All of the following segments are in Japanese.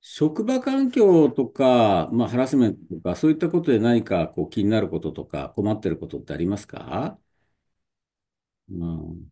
職場環境とか、まあ、ハラスメントとか、そういったことで何かこう気になることとか困ってることってありますか？うん。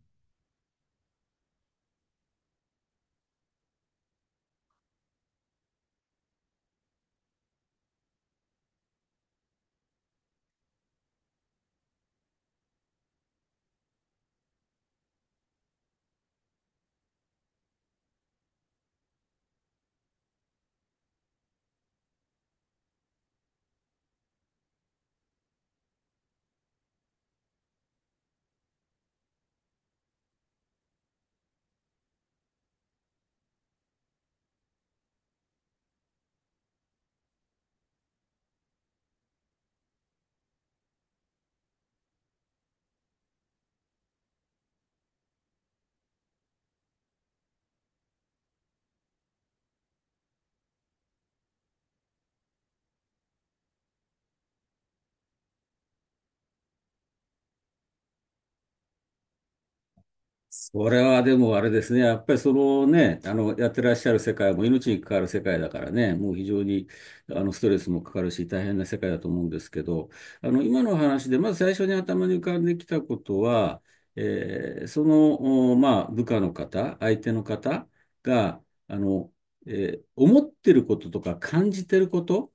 それはでもあれですね、やっぱりそのね、やってらっしゃる世界も命に関わる世界だからね、もう非常にストレスもかかるし、大変な世界だと思うんですけど、今の話で、まず最初に頭に浮かんできたことは、えーその、おまあ、部下の方、相手の方が、あの、思ってることとか感じてること、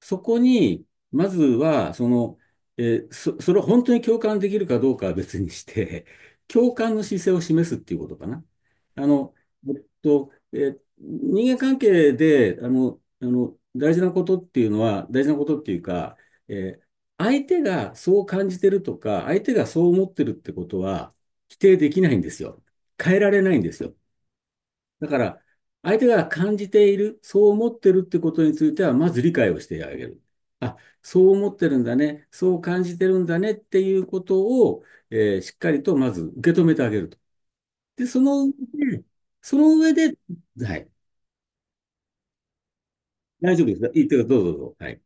そこに、まずは、その、それを本当に共感できるかどうかは別にして、共感の姿勢を示すっていうことかな。あの、人間関係で、大事なことっていうのは、大事なことっていうか、えー相手がそう感じてるとか、相手がそう思ってるってことは、否定できないんですよ。変えられないんですよ。だから、相手が感じている、そう思ってるってことについては、まず理解をしてあげる。あ、そう思ってるんだね、そう感じてるんだねっていうことを、しっかりとまず受け止めてあげると。で、で、その上で、はい、大丈夫です。いいってか、どうぞどうぞ。はい。はい。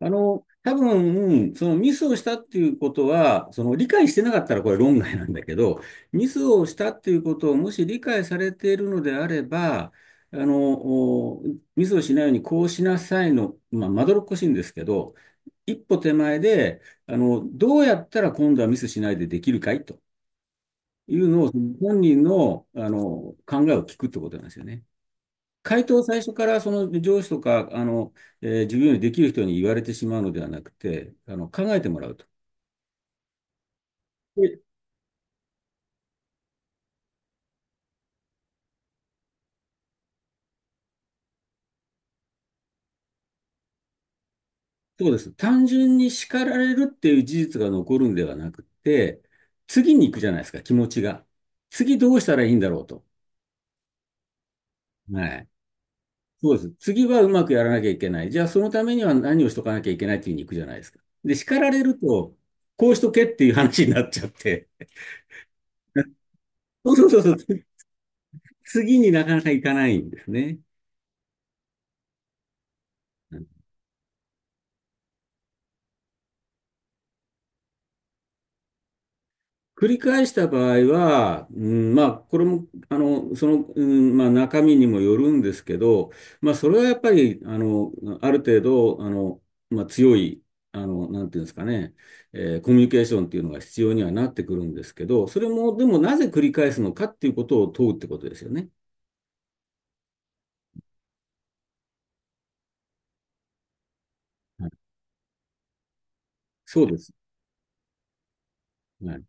多分、そのミスをしたっていうことは、その理解してなかったらこれ論外なんだけど、ミスをしたっていうことをもし理解されているのであれば、あの、ミスをしないようにこうしなさいの、まあ、まどろっこしいんですけど、一歩手前で、どうやったら今度はミスしないでできるかいというのを、本人の、考えを聞くってことなんですよね。回答を最初からその上司とか、自分よりできる人に言われてしまうのではなくて、考えてもらうと。で、そうです。単純に叱られるっていう事実が残るんではなくて、次に行くじゃないですか、気持ちが。次どうしたらいいんだろうと。はい。そうです。次はうまくやらなきゃいけない。じゃあそのためには何をしとかなきゃいけないっていうふうに行くじゃないですか。で、叱られると、こうしとけっていう話になっちゃって。そう、そう、そう、そう。次になかなか行かないんですね。繰り返した場合は、まあ、これも、まあ、中身にもよるんですけど、まあ、それはやっぱり、ある程度、まあ、強い、なんていうんですかね、コミュニケーションっていうのが必要にはなってくるんですけど、それも、でも、なぜ繰り返すのかっていうことを問うってことですよね。はい。そうです。はい。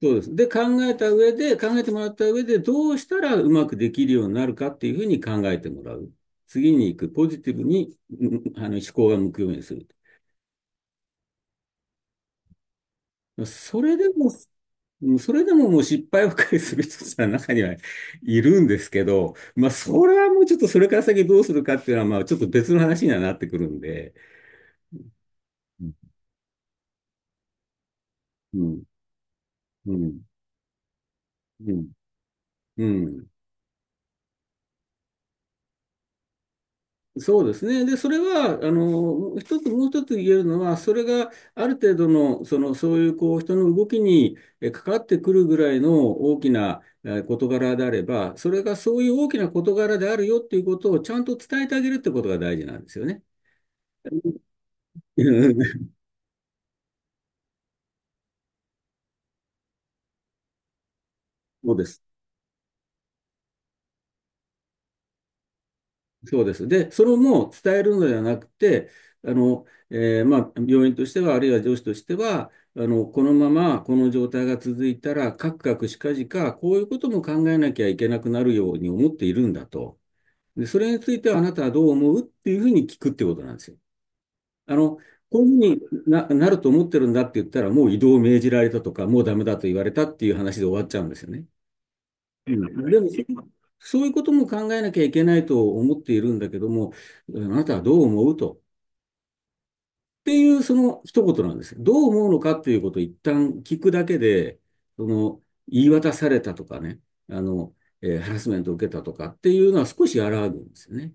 そうです。で、考えた上で、考えてもらった上で、どうしたらうまくできるようになるかっていうふうに考えてもらう。次に行く、ポジティブに、思考が向くようにする。それでも、もう失敗ばかりする人さ、中にはいるんですけど、まあ、それはもうちょっとそれから先どうするかっていうのは、まあ、ちょっと別の話にはなってくるんで、うん、うん、うん、うん。そうですね。で、それは、もう一つ言えるのは、それがある程度の、その、そういう、こう、人の動きに関わってくるぐらいの大きな事柄であれば、それがそういう大きな事柄であるよっていうことをちゃんと伝えてあげるってことが大事なんですよね。そうです。そうです。で、それも伝えるのではなくて、まあ、病院としては、あるいは上司としては、このままこの状態が続いたら、かくかくしかじか、こういうことも考えなきゃいけなくなるように思っているんだと。で、それについてはあなたはどう思うっていうふうに聞くってことなんですよ。こういうふうになると思ってるんだって言ったら、もう異動を命じられたとか、もうダメだと言われたっていう話で終わっちゃうんですよね。うんでも、そういうことも考えなきゃいけないと思っているんだけども、あなたはどう思うと。っていう、その一言なんですよ。どう思うのかっていうことを一旦聞くだけで、その、言い渡されたとかね、あの、ハラスメントを受けたとかっていうのは少し和らぐんですよね。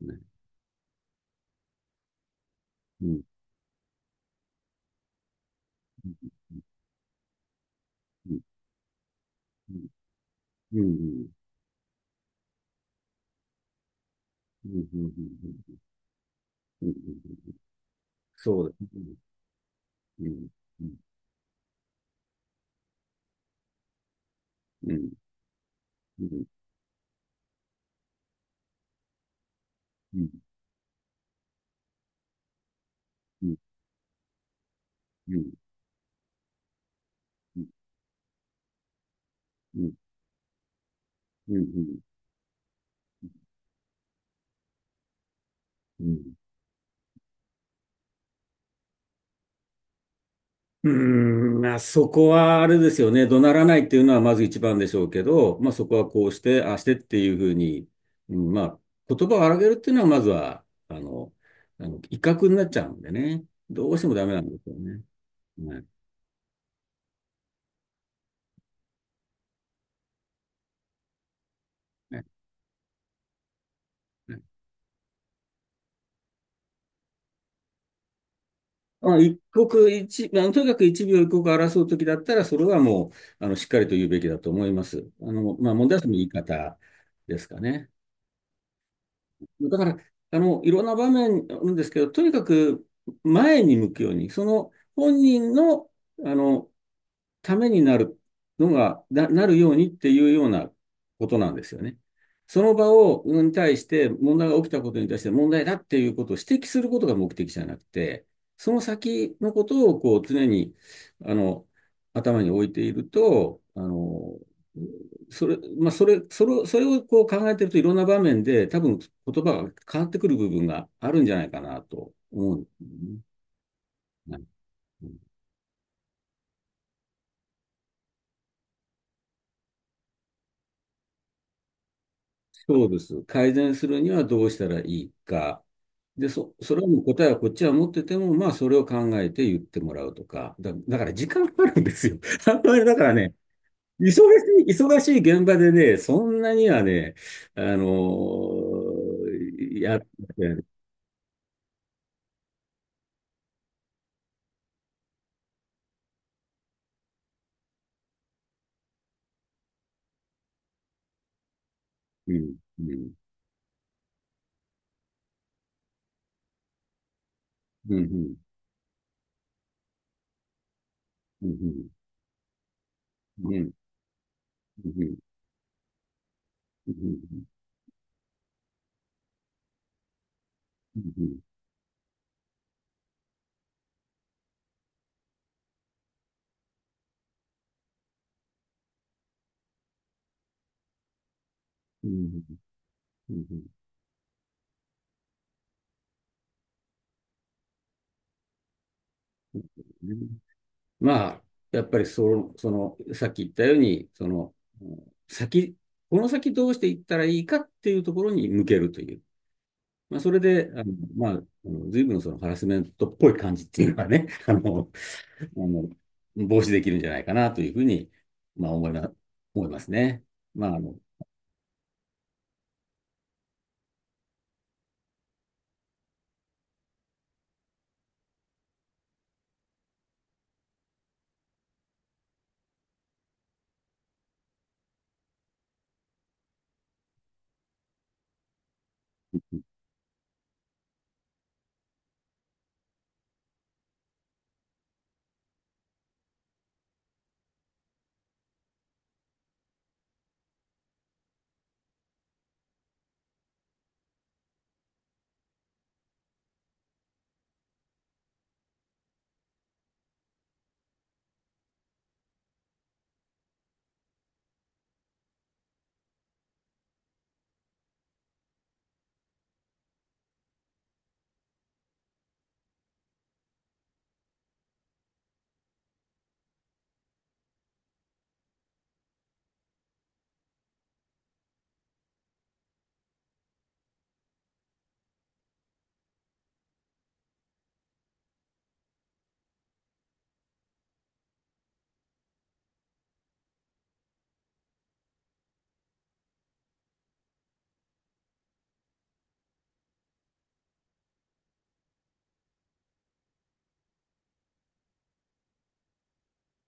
ね。うん。うん。うん。うん。うん。うん。うん。うん。うん。そうですね。うん。うん。うん。うん。うん。うん。うん。うん。うん。うん。うん。まあ、そこはあれですよね。怒鳴らないっていうのはまず一番でしょうけど、まあ、そこはこうして、ああしてっていうふうに、うんまあ、言葉を荒げるっていうのはまずは、威嚇になっちゃうんでね。どうしてもダメなんですよね。はい。はい。はい。まあ、一刻一、まあの、とにかく一秒一刻を争うときだったら、それはもう、しっかりと言うべきだと思います。まあ、問題はその言い方ですかね。だから、いろんな場面あるんですけど、とにかく前に向くように、その本人の、あの、ためになるのが、なるようにっていうようなことなんですよね。その場を、に対して、問題が起きたことに対して問題だっていうことを指摘することが目的じゃなくて、その先のことをこう常に、あの、頭に置いていると、それ、まあ、それ、それを、それをこう考えてるといろんな場面で多分言葉が変わってくる部分があるんじゃないかなと思う。はい。そうです。改善するにはどうしたらいいか。で、それの答えはこっちは持ってても、まあそれを考えて言ってもらうとか。だから時間かかるんですよ。だからね、忙しい忙しい現場でね、そんなにはね、あのやって、うん。うん。うん。うん。うん。うん。うん。うん。うん。うん。うん。うん。うん。まあ、やっぱりその、さっき言ったように、その、先、この先どうしていったらいいかっていうところに向けるという。まあ、それで、まあ、随分そのハラスメントっぽい感じっていうのはね、あの、防止できるんじゃないかなというふうに、まあ、思いますね。まあ、あの、